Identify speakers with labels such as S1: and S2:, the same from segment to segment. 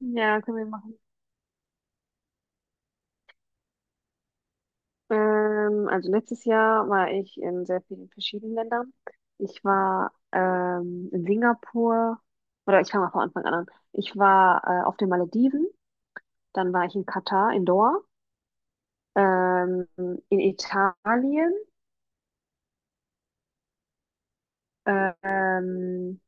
S1: Ja, können wir machen. Also letztes Jahr war ich in sehr vielen verschiedenen Ländern. Ich war in Singapur, oder ich fange mal von Anfang an an. Ich war auf den Malediven, dann war ich in Katar, in Doha, ähm, in Italien, äh, ähm,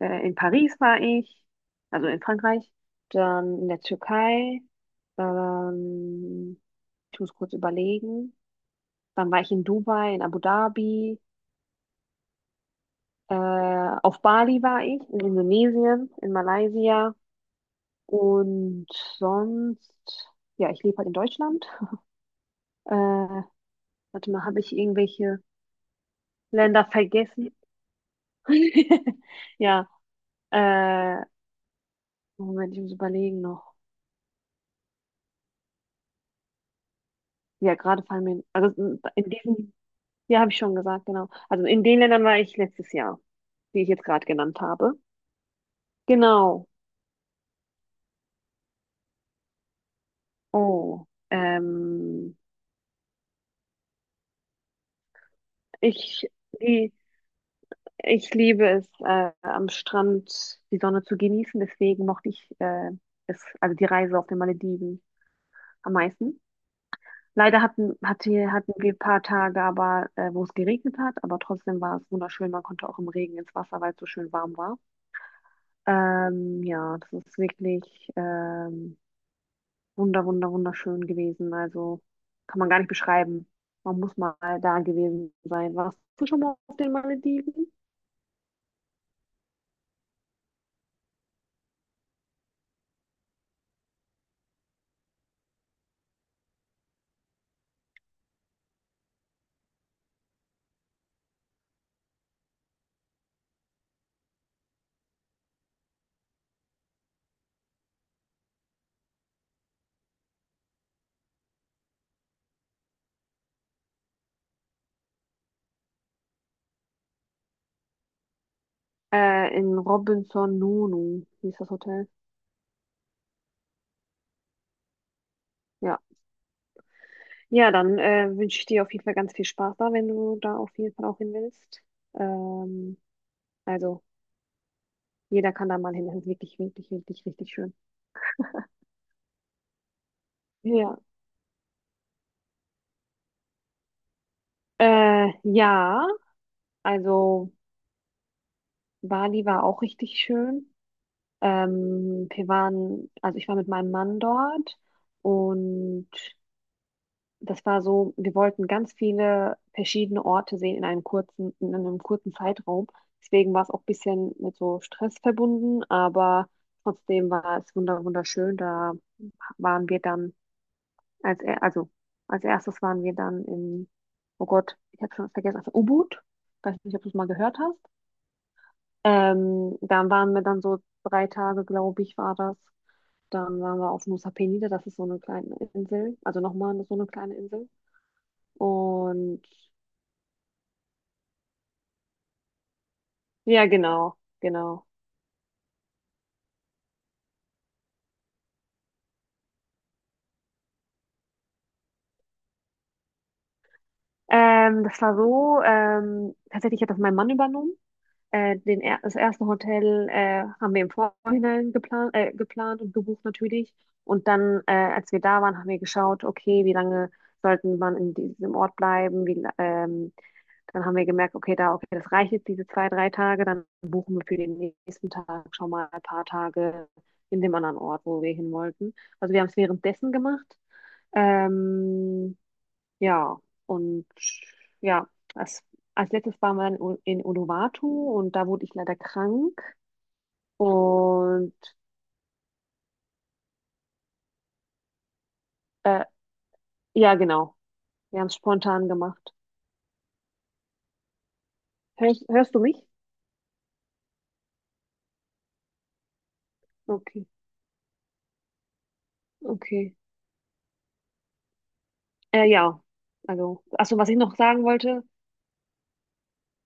S1: in Paris war ich, also in Frankreich, dann in der Türkei, ähm, ich muss kurz überlegen, dann war ich in Dubai, in Abu Dhabi. Auf Bali war ich, in Indonesien, in Malaysia und sonst, ja, ich lebe halt in Deutschland. Äh, warte mal, habe ich irgendwelche Länder vergessen? Ja, äh, Moment, ich muss überlegen noch. Ja, gerade fallen mir, also in diesen, ja, habe ich schon gesagt, genau. Also in den Ländern war ich letztes Jahr, die ich jetzt gerade genannt habe. Genau. Oh, ähm, ich, die, ich liebe es, am Strand die Sonne zu genießen. Deswegen mochte ich es, also die Reise auf den Malediven am meisten. Leider hatten wir ein paar Tage, aber wo es geregnet hat, aber trotzdem war es wunderschön. Man konnte auch im Regen ins Wasser, weil es so schön warm war. Ja, das ist wirklich wunderschön gewesen. Also kann man gar nicht beschreiben. Man muss mal da gewesen sein. Warst du schon mal auf den Malediven? In Robinson Nonu hieß das Hotel. Ja. Ja, dann wünsche ich dir auf jeden Fall ganz viel Spaß da, wenn du da auf jeden Fall auch hin willst. Ähm, also, jeder kann da mal hin. Das ist wirklich, richtig schön. Ja. Ja, also Bali war auch richtig schön. Wir waren, also ich war mit meinem Mann dort und das war so, wir wollten ganz viele verschiedene Orte sehen in einem kurzen Zeitraum. Deswegen war es auch ein bisschen mit so Stress verbunden, aber trotzdem war es wunderschön. Da waren wir dann als er, also als erstes waren wir dann in, oh Gott, ich habe schon vergessen, also Ubud. Weiß nicht, ob du es mal gehört hast. Dann waren wir dann so 3 Tage, glaube ich, war das. Dann waren wir auf Nusa Penida, das ist so eine kleine Insel, also nochmal so eine kleine Insel. Und ja, genau, genau. Das war so, tatsächlich hat das mein Mann übernommen. Den er das erste Hotel haben wir im Vorhinein geplant und gebucht natürlich. Und dann, als wir da waren, haben wir geschaut, okay, wie lange sollten man in diesem Ort bleiben? Dann haben wir gemerkt, okay, das reicht jetzt diese 2, 3 Tage. Dann buchen wir für den nächsten Tag schon mal ein paar Tage in dem anderen Ort, wo wir hin wollten. Also wir haben es währenddessen gemacht. Ähm, Ja, und ja, als, als letztes waren wir in Uluwatu und da wurde ich leider krank. Und äh, ja, genau, wir haben es spontan gemacht. Hörst du mich? Okay, okay. Ja, also, achso, was ich noch sagen wollte,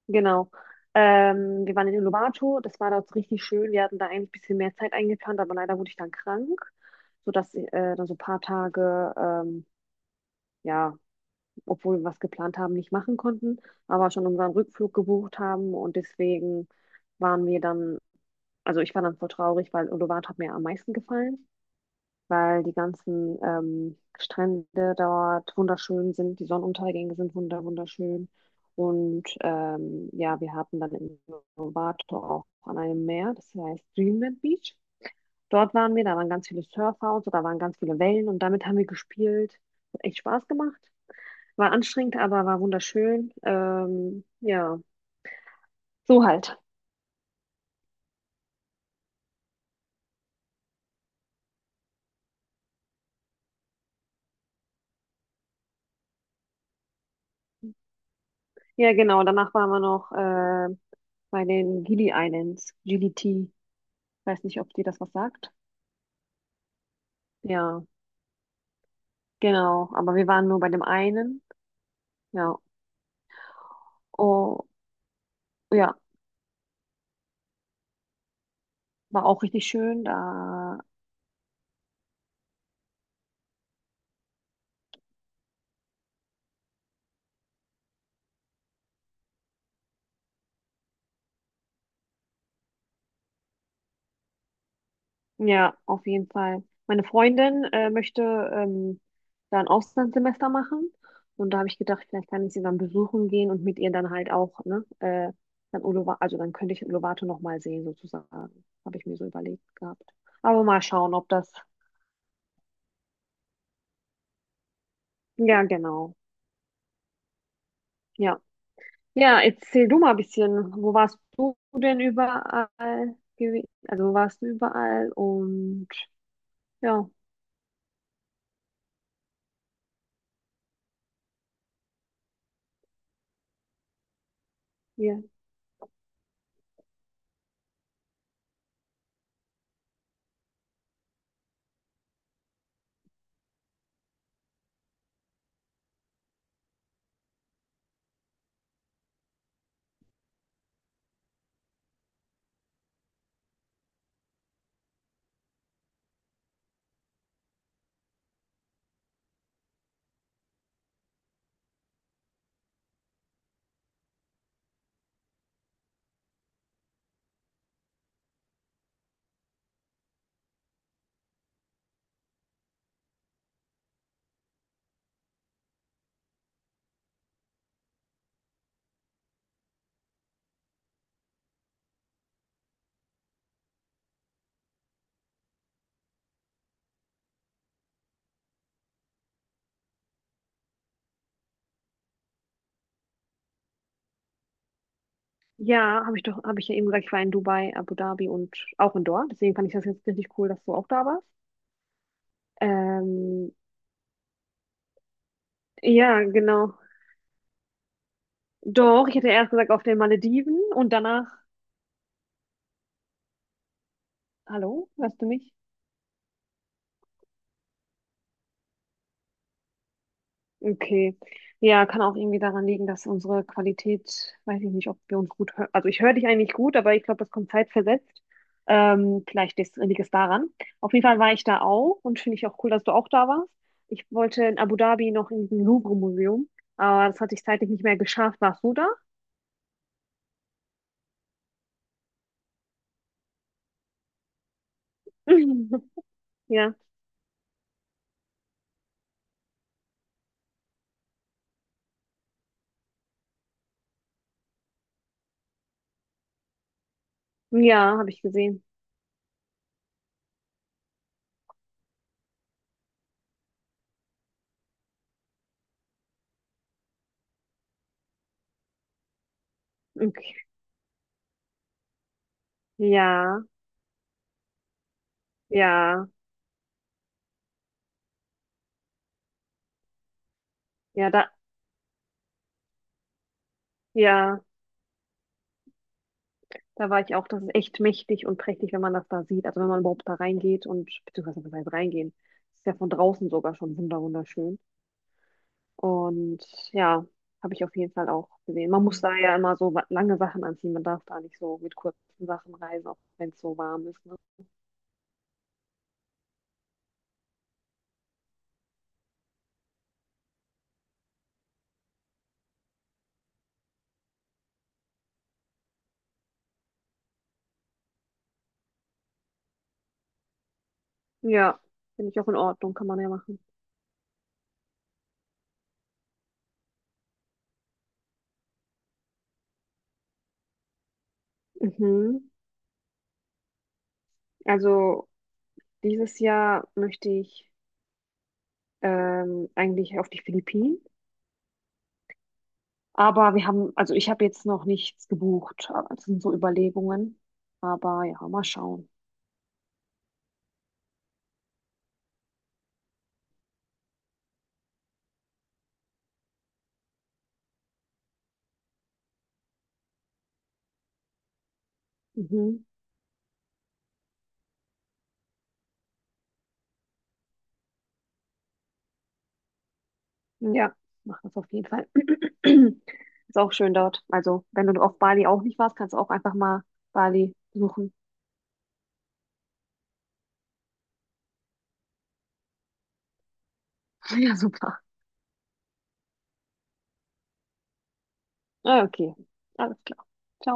S1: genau. Wir waren in Uluwatu, das war dort richtig schön. Wir hatten da eigentlich ein bisschen mehr Zeit eingeplant, aber leider wurde ich dann krank, sodass dann so ein paar Tage, ja, obwohl wir was geplant haben, nicht machen konnten, aber schon unseren Rückflug gebucht haben und deswegen waren wir dann, also ich war dann voll traurig, weil Uluwatu hat mir am meisten gefallen, weil die ganzen Strände dort wunderschön sind, die Sonnenuntergänge sind wunderschön und ja, wir hatten dann in Uluwatu auch an einem Meer, das heißt Dreamland Beach. Dort waren wir, da waren ganz viele Surfer und so, da waren ganz viele Wellen und damit haben wir gespielt. Hat echt Spaß gemacht. War anstrengend, aber war wunderschön. Ja, so halt. Ja, genau. Danach waren wir noch bei den Gili Islands, GDT. Weiß nicht, ob dir das was sagt. Ja, genau. Aber wir waren nur bei dem einen. Ja, oh, ja, war auch richtig schön. Da Ja, auf jeden Fall. Meine Freundin möchte ähm, da ein Auslandssemester machen. Und da habe ich gedacht, vielleicht kann ich sie dann besuchen gehen und mit ihr dann halt auch, ne, dann Uluwatu, also dann könnte ich Uluwatu nochmal sehen, sozusagen. Habe ich mir so überlegt gehabt. Aber mal schauen, ob das. Ja, genau. Ja. Ja, erzähl du mal ein bisschen, wo warst du denn überall gewesen? Also wo warst du überall? Und ja, ja. Ja, habe ich doch, habe ich ja eben gesagt, ich war in Dubai, Abu Dhabi und auch in Doha. Deswegen fand ich das jetzt richtig cool, dass du auch da warst. Ähm, ja, genau. Doch, ich hätte erst gesagt auf den Malediven und danach, hallo, hörst du mich? Okay. Ja, kann auch irgendwie daran liegen, dass unsere Qualität, weiß ich nicht, ob wir uns gut hören. Also ich höre dich eigentlich gut, aber ich glaube, das kommt zeitversetzt. Vielleicht liegt es daran. Auf jeden Fall war ich da auch und finde ich auch cool, dass du auch da warst. Ich wollte in Abu Dhabi noch in diesem Louvre-Museum, aber das hatte ich zeitlich nicht mehr geschafft. Warst du da? Ja. Ja, habe ich gesehen. Okay. Ja, ja, ja, da, ja. Da war ich auch, das ist echt mächtig und prächtig, wenn man das da sieht. Also wenn man überhaupt da reingeht und, beziehungsweise was heißt reingehen, das ist ja von draußen sogar schon wunderschön. Und ja, habe ich auf jeden Fall auch gesehen. Man muss da ja immer so lange Sachen anziehen. Man darf da nicht so mit kurzen Sachen reisen, auch wenn es so warm ist. Ne? Ja, finde ich auch in Ordnung, kann man ja machen. Mhm. Also dieses Jahr möchte ich eigentlich auf die Philippinen. Aber wir haben, also ich habe jetzt noch nichts gebucht. Aber das sind so Überlegungen. Aber ja, mal schauen. Mhm. Ja, mach das auf jeden Fall. Ist auch schön dort. Also, wenn du auf Bali auch nicht warst, kannst du auch einfach mal Bali suchen. Ja, super. Ah, okay, alles klar. Ciao.